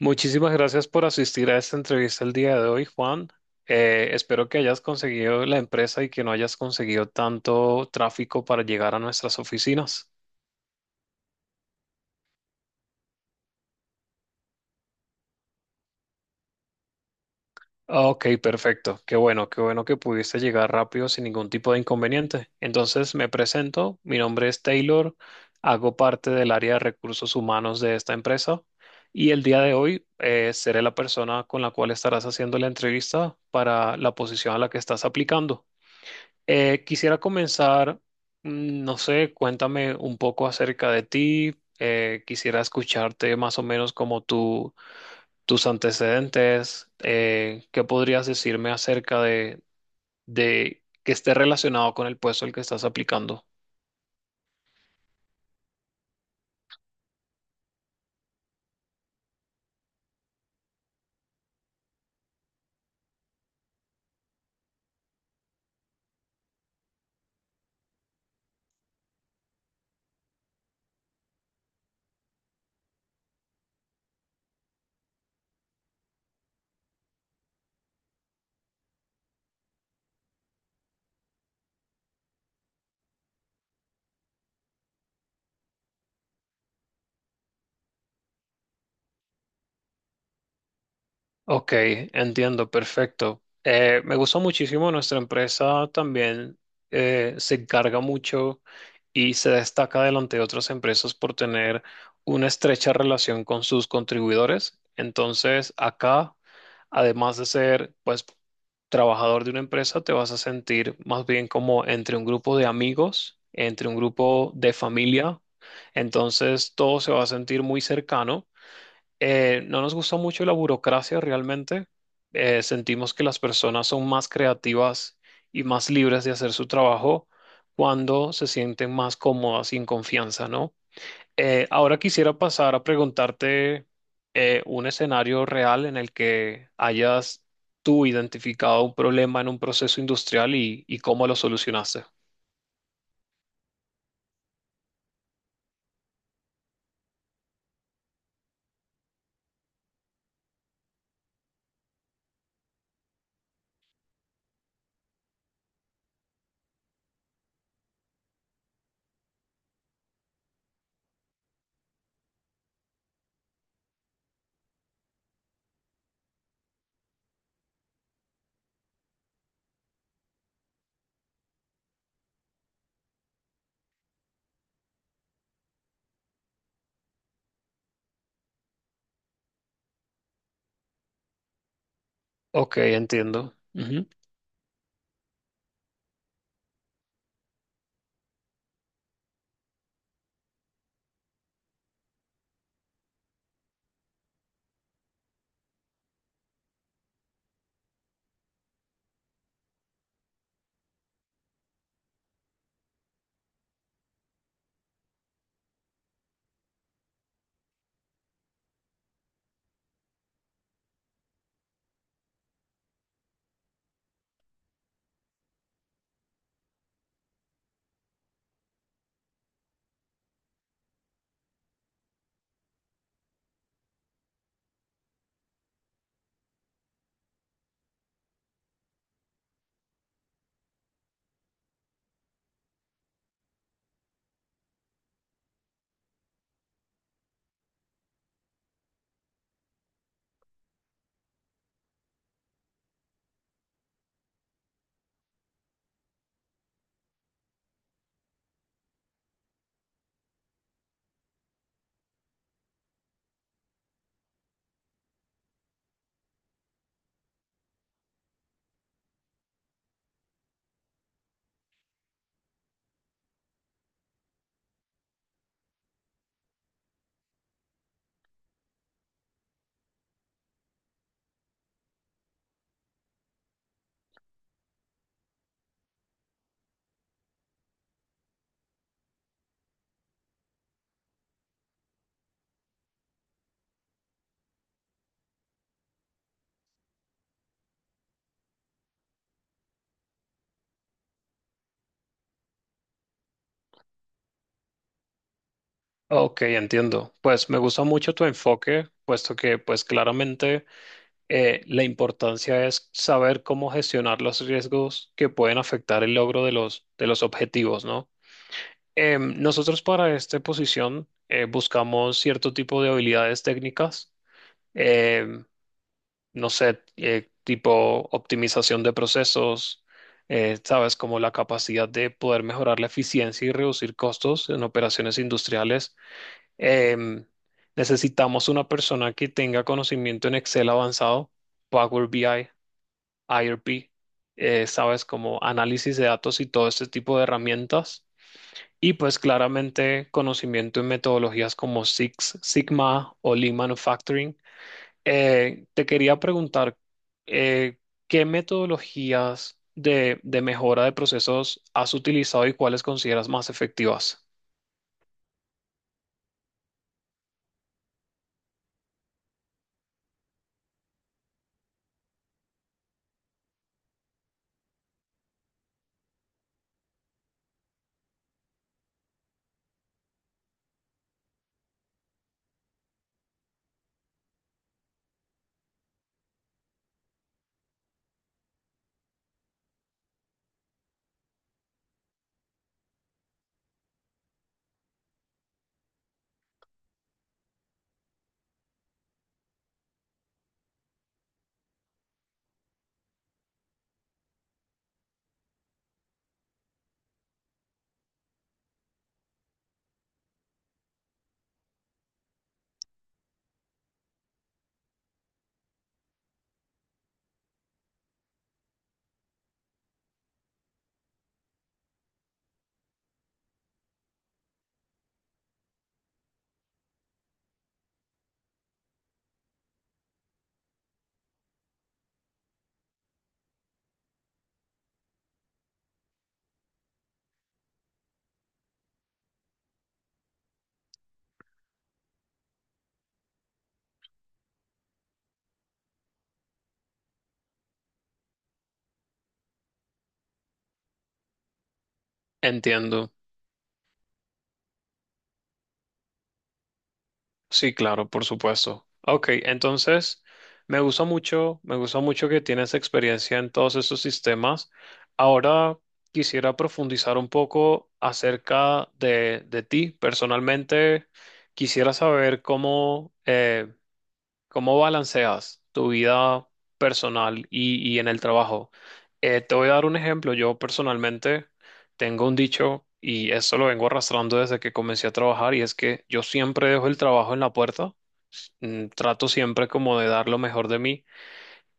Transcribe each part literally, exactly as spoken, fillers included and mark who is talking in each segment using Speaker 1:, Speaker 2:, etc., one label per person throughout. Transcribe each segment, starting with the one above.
Speaker 1: Muchísimas gracias por asistir a esta entrevista el día de hoy, Juan. Eh, espero que hayas conseguido la empresa y que no hayas conseguido tanto tráfico para llegar a nuestras oficinas. Ok, perfecto. Qué bueno, qué bueno que pudiste llegar rápido sin ningún tipo de inconveniente. Entonces, me presento. Mi nombre es Taylor. Hago parte del área de recursos humanos de esta empresa y el día de hoy eh, seré la persona con la cual estarás haciendo la entrevista para la posición a la que estás aplicando. Eh, quisiera comenzar, mm, no sé, cuéntame un poco acerca de ti. Eh, quisiera escucharte más o menos como tu- tus antecedentes. Eh, ¿qué podrías decirme acerca de, de que esté relacionado con el puesto al que estás aplicando? Ok, entiendo, perfecto. Eh, me gustó muchísimo nuestra empresa también eh, se encarga mucho y se destaca delante de otras empresas por tener una estrecha relación con sus contribuidores. Entonces, acá, además de ser pues trabajador de una empresa, te vas a sentir más bien como entre un grupo de amigos, entre un grupo de familia. Entonces, todo se va a sentir muy cercano eh, no nos gusta mucho la burocracia realmente. Eh, sentimos que las personas son más creativas y más libres de hacer su trabajo cuando se sienten más cómodas y en confianza, ¿no? Eh, ahora quisiera pasar a preguntarte eh, un escenario real en el que hayas tú identificado un problema en un proceso industrial y, y cómo lo solucionaste. Ok, entiendo. Ujú. Ok, entiendo. Pues me gusta mucho tu enfoque, puesto que pues claramente eh, la importancia es saber cómo gestionar los riesgos que pueden afectar el logro de los, de los objetivos, ¿no? Em, nosotros para esta posición eh, buscamos cierto tipo de habilidades técnicas, em, no sé, eh, tipo optimización de procesos, eh, sabes, como la capacidad de poder mejorar la eficiencia y reducir costos en operaciones industriales. Em, Necesitamos una persona que tenga conocimiento en Excel avanzado, Power B I I R P, eh, sabes, como análisis de datos y todo este tipo de herramientas. Y pues claramente conocimiento en metodologías como Six Sigma o Lean Manufacturing. Eh, te quería preguntar, eh, ¿qué metodologías de, de mejora de procesos has utilizado y cuáles consideras más efectivas? Entiendo. Sí, claro, por supuesto. Ok, entonces me gustó mucho, me gustó mucho que tienes experiencia en todos estos sistemas. Ahora quisiera profundizar un poco acerca de, de ti. Personalmente, quisiera saber cómo, eh, ¿cómo balanceas tu vida personal y, y en el trabajo? Eh, te voy a dar un ejemplo. Yo personalmente tengo un dicho y eso lo vengo arrastrando desde que comencé a trabajar y es que yo siempre dejo el trabajo en la puerta. Mm, Trato siempre como de dar lo mejor de mí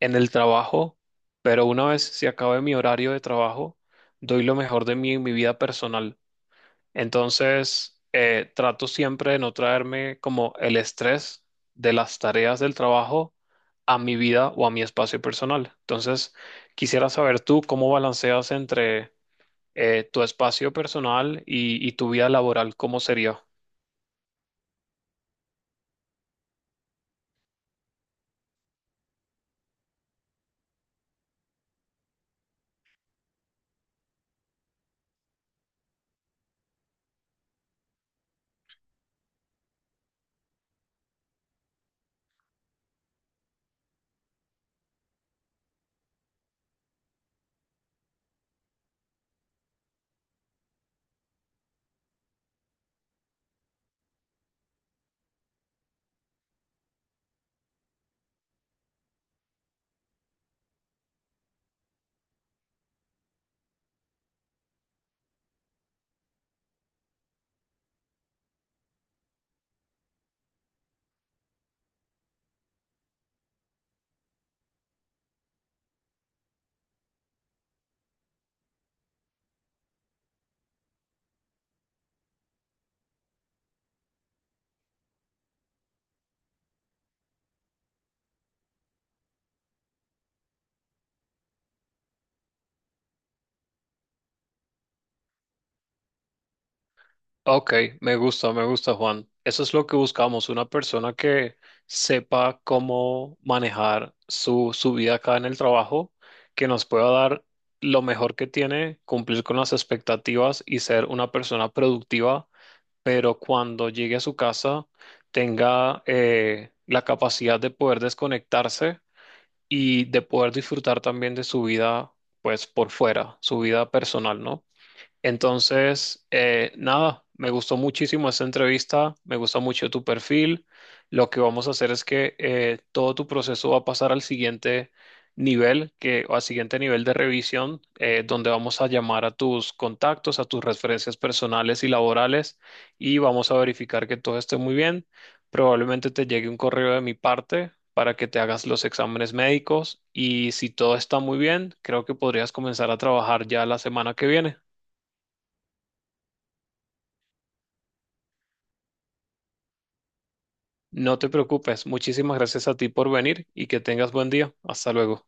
Speaker 1: en el trabajo, pero una vez se acabe mi horario de trabajo, doy lo mejor de mí en mi vida personal. Entonces, eh, trato siempre de no traerme como el estrés de las tareas del trabajo a mi vida o a mi espacio personal. Entonces, quisiera saber tú cómo balanceas entre eh, tu espacio personal y, y tu vida laboral, ¿cómo sería? Ok, me gusta, me gusta, Juan. Eso es lo que buscamos, una persona que sepa cómo manejar su, su vida acá en el trabajo, que nos pueda dar lo mejor que tiene, cumplir con las expectativas y ser una persona productiva, pero cuando llegue a su casa tenga eh, la capacidad de poder desconectarse y de poder disfrutar también de su vida, pues por fuera, su vida personal, ¿no? Entonces, eh, nada, me gustó muchísimo esta entrevista, me gustó mucho tu perfil. Lo que vamos a hacer es que eh, todo tu proceso va a pasar al siguiente nivel, que, o al siguiente nivel de revisión, eh, donde vamos a llamar a tus contactos, a tus referencias personales y laborales, y vamos a verificar que todo esté muy bien. Probablemente te llegue un correo de mi parte para que te hagas los exámenes médicos y si todo está muy bien, creo que podrías comenzar a trabajar ya la semana que viene. No te preocupes, muchísimas gracias a ti por venir y que tengas buen día. Hasta luego.